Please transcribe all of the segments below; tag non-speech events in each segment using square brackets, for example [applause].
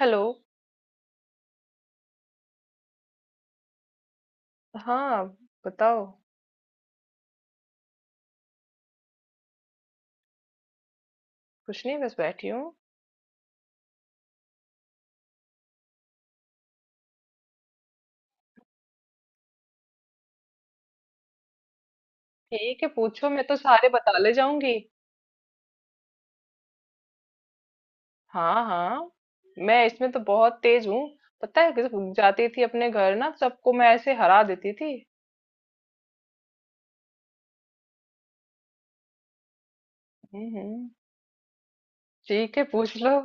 Hello. हाँ, बताओ। कुछ नहीं, बस बैठी हूँ। ठीक है, पूछो, मैं तो सारे बता ले जाऊंगी। हाँ हाँ, मैं इसमें तो बहुत तेज हूँ। पता है, जब जाती थी अपने घर ना, सबको मैं ऐसे हरा देती थी। हम्म हम्म, ठीक है, पूछ लो।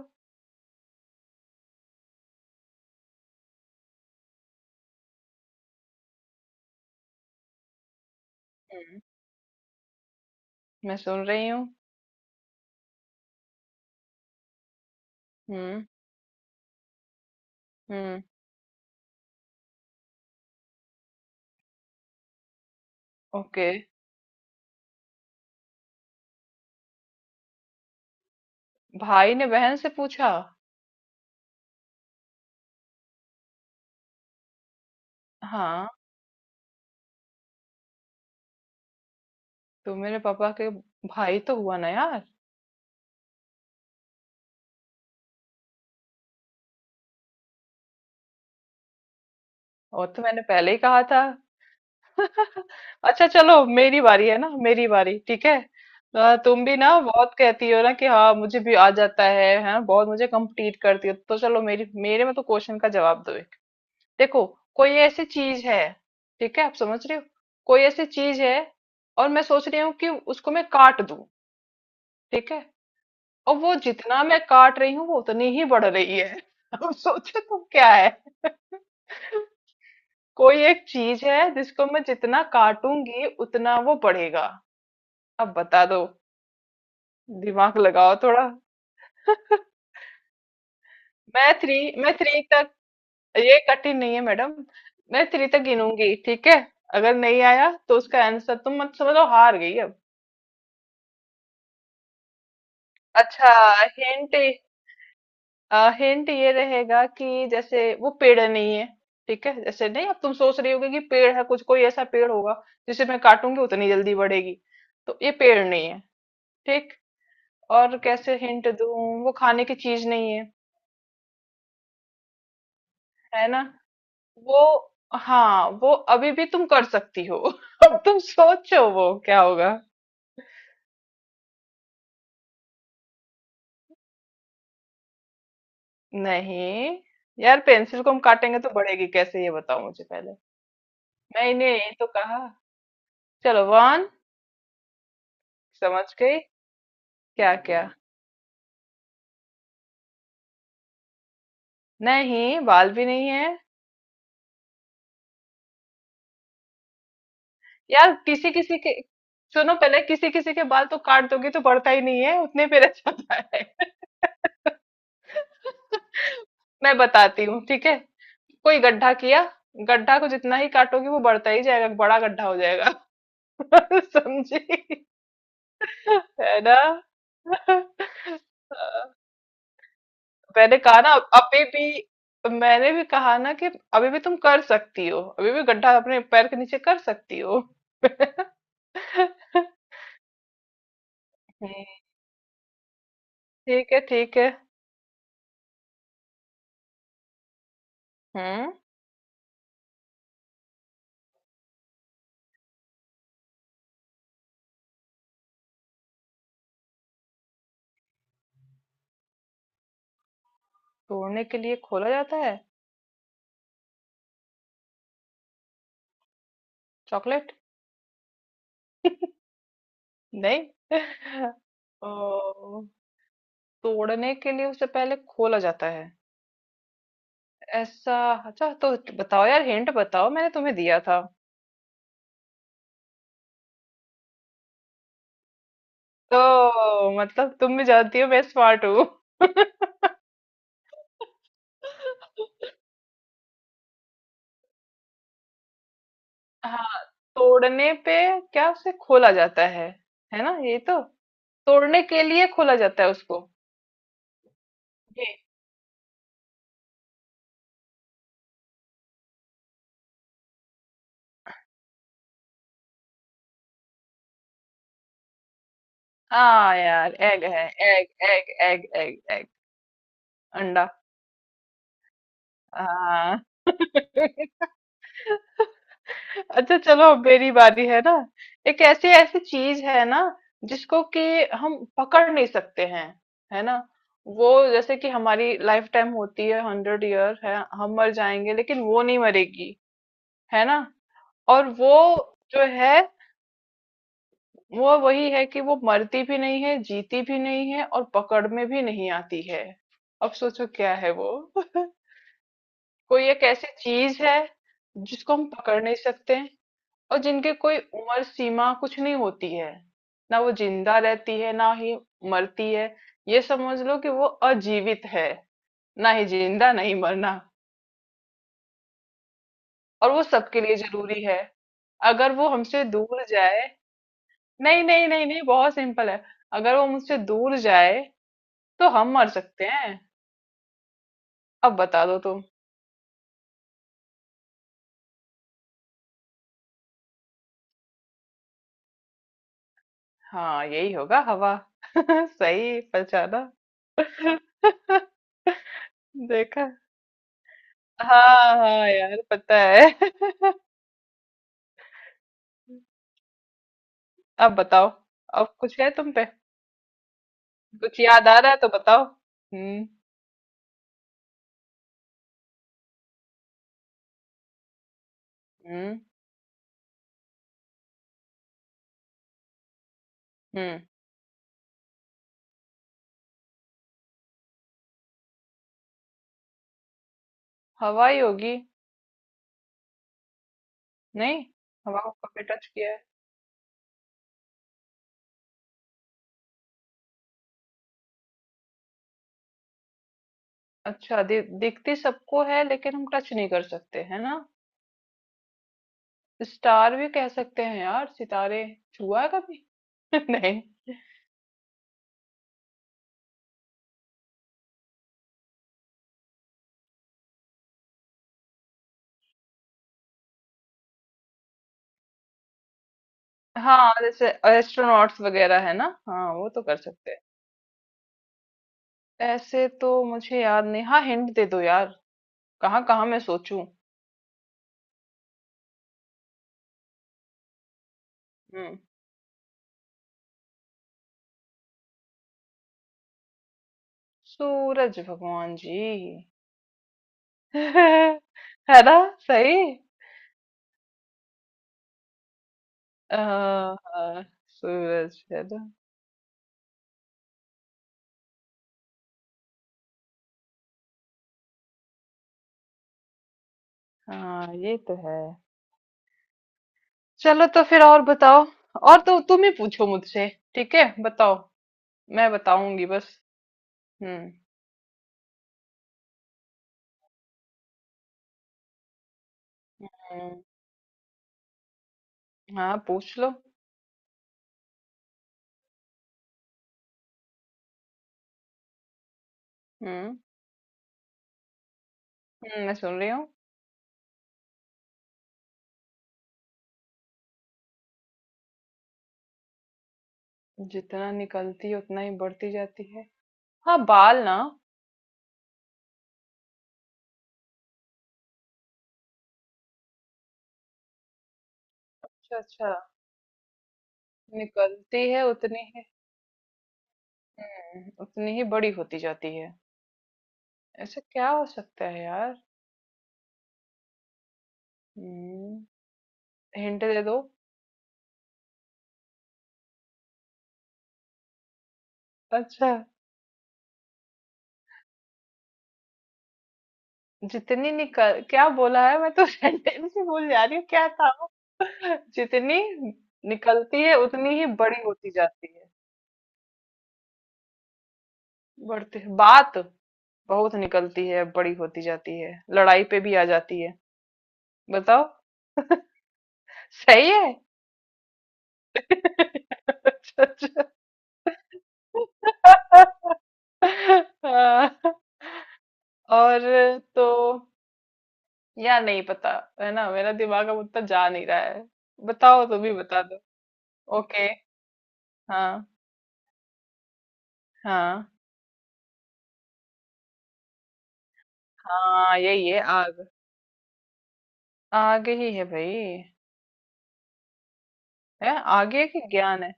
हम्म, मैं सुन रही हूँ। हम्म। हम्म। ओके। भाई ने बहन से पूछा, हाँ, तुम मेरे पापा के, भाई तो हुआ ना यार। और तो मैंने पहले ही कहा था। अच्छा चलो, मेरी बारी है ना, मेरी बारी, ठीक है। तुम भी ना बहुत कहती हो ना कि हाँ मुझे भी आ जाता है, हैं बहुत, मुझे कंप्लीट करती हो, तो चलो मेरी, मेरे में तो क्वेश्चन का जवाब दो एक। देखो, कोई ऐसी चीज है, ठीक है, आप समझ रहे हो। कोई ऐसी चीज है और मैं सोच रही हूँ कि उसको मैं काट दूं, ठीक है। और वो जितना मैं काट रही हूँ वो उतनी ही बढ़ रही है। [laughs] अब सोचो तुम क्या है। [laughs] कोई एक चीज है जिसको मैं जितना काटूंगी उतना वो बढ़ेगा। अब बता दो, दिमाग लगाओ थोड़ा। [laughs] मैं थ्री तक, ये कठिन नहीं है मैडम। मैं थ्री तक गिनूंगी, ठीक है। अगर नहीं आया तो उसका आंसर तुम मत समझो, हार गई अब। अच्छा। हिंट। हिंट ये रहेगा कि जैसे वो पेड़ नहीं है, ठीक है, जैसे नहीं। अब तुम सोच रही होगी कि पेड़ है, कुछ कोई ऐसा पेड़ होगा जिसे मैं काटूंगी उतनी जल्दी बढ़ेगी, तो ये पेड़ नहीं है, ठीक। और कैसे हिंट दूं, वो खाने की चीज नहीं है, है ना। वो, हाँ वो अभी भी तुम कर सकती हो। [laughs] अब तुम सोचो वो क्या होगा। नहीं। यार पेंसिल को हम काटेंगे तो बढ़ेगी कैसे, ये बताओ मुझे पहले। मैंने यही तो कहा। चलो वन। समझ गई। क्या क्या? नहीं बाल भी नहीं है। यार किसी किसी के सुनो पहले, किसी किसी के बाल तो काट दोगी तो बढ़ता ही नहीं है, उतने पे रह जाता है। [laughs] मैं बताती हूँ, ठीक है। कोई गड्ढा किया, गड्ढा को जितना ही काटोगी वो बढ़ता ही जाएगा, बड़ा गड्ढा हो जाएगा। [laughs] समझी? है ना? हाँ। मैंने कहा ना, अभी भी मैंने भी कहा ना कि अभी भी तुम कर सकती हो, अभी भी गड्ढा अपने पैर के नीचे कर सकती हो। [laughs] हम्म, ठीक है ठीक है। हम्म। तोड़ने के लिए खोला जाता है? चॉकलेट। नहीं। [laughs] ओ, तोड़ने के लिए उसे पहले खोला जाता है? ऐसा? अच्छा तो बताओ यार, हिंट बताओ, मैंने तुम्हें दिया था। ओ मतलब तुम भी जानती हो मैं स्मार्ट हूँ। [laughs] हाँ। तोड़ने पे क्या उसे खोला जाता है? है ना ये तो, तोड़ने के लिए खोला जाता है उसको। जी। हाँ यार एग है, egg egg egg egg egg. अंडा। हाँ। [laughs] अच्छा चलो अब मेरी बारी है ना। एक ऐसी ऐसी चीज है ना, जिसको कि हम पकड़ नहीं सकते हैं, है ना। वो जैसे कि हमारी लाइफ टाइम होती है 100 ईयर, है, हम मर जाएंगे लेकिन वो नहीं मरेगी, है ना। और वो जो है, वो वही है कि वो मरती भी नहीं है, जीती भी नहीं है और पकड़ में भी नहीं आती है। अब सोचो क्या है वो। [laughs] कोई एक ऐसी चीज है जिसको हम पकड़ नहीं सकते, और जिनके कोई उम्र सीमा कुछ नहीं होती है, ना वो जिंदा रहती है ना ही मरती है। ये समझ लो कि वो अजीवित है, ना ही जिंदा नहीं मरना। और वो सबके लिए जरूरी है। अगर वो हमसे दूर जाए, नहीं नहीं नहीं नहीं, बहुत सिंपल है। अगर वो मुझसे दूर जाए तो हम मर सकते हैं। अब बता दो तुम। हाँ यही होगा, हवा। [laughs] सही पहचाना। [laughs] देखा। हाँ। हाँ यार पता है। [laughs] अब बताओ, अब कुछ है तुम पे? कुछ याद आ रहा है तो बताओ। हम्म। हम्म हम्म हवाई होगी? नहीं। हवा को कभी टच किया है? अच्छा, दिखती सबको है लेकिन हम टच नहीं कर सकते, है ना। स्टार भी कह सकते हैं यार, सितारे छुआ है कभी? [laughs] नहीं। हाँ जैसे एस्ट्रोनॉट्स वगैरह है ना, हाँ वो तो कर सकते हैं। ऐसे तो मुझे याद नहीं, हाँ हिंट दे दो यार, कहाँ कहाँ मैं सोचूं। हम्म सूरज भगवान जी। [laughs] है ना? सही। हाँ हाँ, सूरज है ना। हाँ ये तो है। चलो तो फिर और बताओ, और तो तुम ही पूछो मुझसे, ठीक है बताओ, मैं बताऊंगी बस। हम्म। हम्म, हाँ पूछ लो। हम्म मैं सुन रही हूँ। जितना निकलती है उतना ही बढ़ती जाती है? हाँ, बाल ना? अच्छा अच्छा। निकलती है उतनी ही, उतनी ही बड़ी होती जाती है। ऐसा क्या हो सकता है यार। हम्म। हिंट दे दो। अच्छा। जितनी निकल, क्या बोला है मैं तो [laughs] सेंटेंस ही भूल जा रही हूँ, क्या था? जितनी निकलती है उतनी ही बड़ी होती जाती है। बढ़ती है बात, बहुत निकलती है, बड़ी होती जाती है, लड़ाई पे भी आ जाती है। बताओ। सही है। [laughs] अच्छा, अच्छा। हाँ। और तो, या नहीं पता, है ना, मेरा दिमाग अब उतना जा नहीं रहा है। बताओ तुम ही बता दो। ओके। हाँ। हाँ। हाँ यही है, आग। आगे ही है भाई। है आगे है कि ज्ञान है।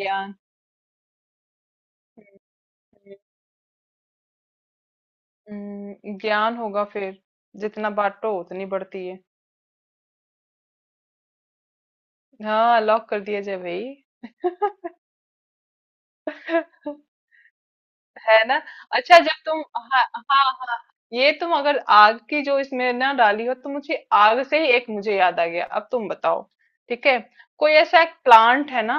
ज्ञान। हम्म, ज्ञान होगा फिर, जितना बांटो उतनी बढ़ती है। हाँ लॉक कर दिया जाए भाई। [laughs] है ना। अच्छा जब तुम, हाँ हाँ हाँ, ये तुम अगर आग की जो इसमें ना डाली हो, तो मुझे आग से ही एक मुझे याद आ गया, अब तुम बताओ, ठीक है। कोई ऐसा एक प्लांट है ना,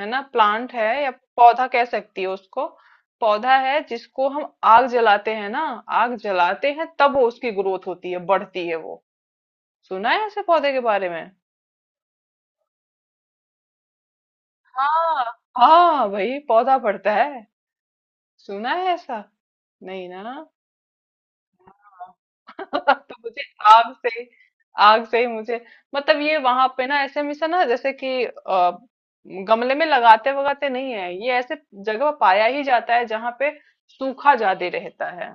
है ना, प्लांट है या पौधा कह सकती हो उसको, पौधा है जिसको हम आग जलाते हैं ना, आग जलाते हैं तब वो उसकी ग्रोथ होती है, बढ़ती है वो। सुना है ऐसे पौधे के बारे में? हाँ। हाँ भाई पौधा बढ़ता है, सुना है ऐसा? नहीं ना। [laughs] तो मुझे आग से ही- आग से ही मुझे मतलब, ये वहां पे ना ऐसे हमेशा ना, जैसे कि गमले में लगाते वगाते नहीं है ये, ऐसे जगह पर पाया ही जाता है जहाँ पे सूखा ज्यादा रहता है।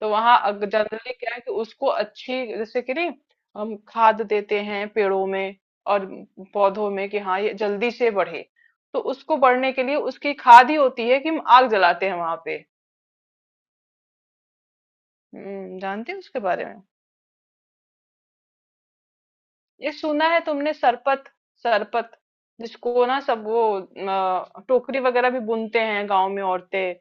तो वहां जनरली क्या है, कि उसको अच्छी जैसे कि नहीं, हम खाद देते हैं पेड़ों में और पौधों में कि हाँ ये जल्दी से बढ़े, तो उसको बढ़ने के लिए उसकी खाद ही होती है कि हम आग जलाते हैं वहां पे। हम्म, जानते हैं उसके बारे में? ये सुना है तुमने, सरपत। सरपत, जिसको ना सब वो टोकरी वगैरह भी बुनते हैं गांव में औरतें।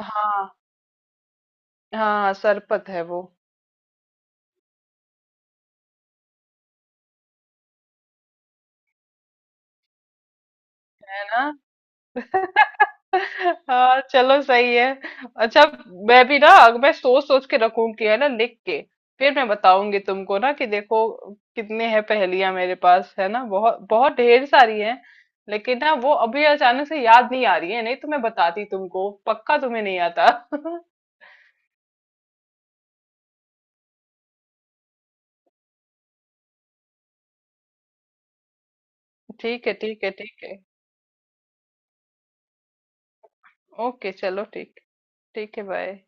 हाँ हाँ। सरपत है वो। है ना। [laughs] हाँ चलो सही है। अच्छा, मैं भी ना, अब मैं सोच सोच के रखूंगी है ना, लिख के, फिर मैं बताऊंगी तुमको ना कि देखो कितने हैं पहेलियां मेरे पास, है ना, बहुत बहुत ढेर सारी हैं, लेकिन ना वो अभी अचानक से याद नहीं आ रही है, नहीं तो मैं बताती तुमको पक्का, तुम्हें नहीं आता। [laughs] ठीक है ठीक है ठीक है। ओके चलो ठीक। ठीक है, बाय।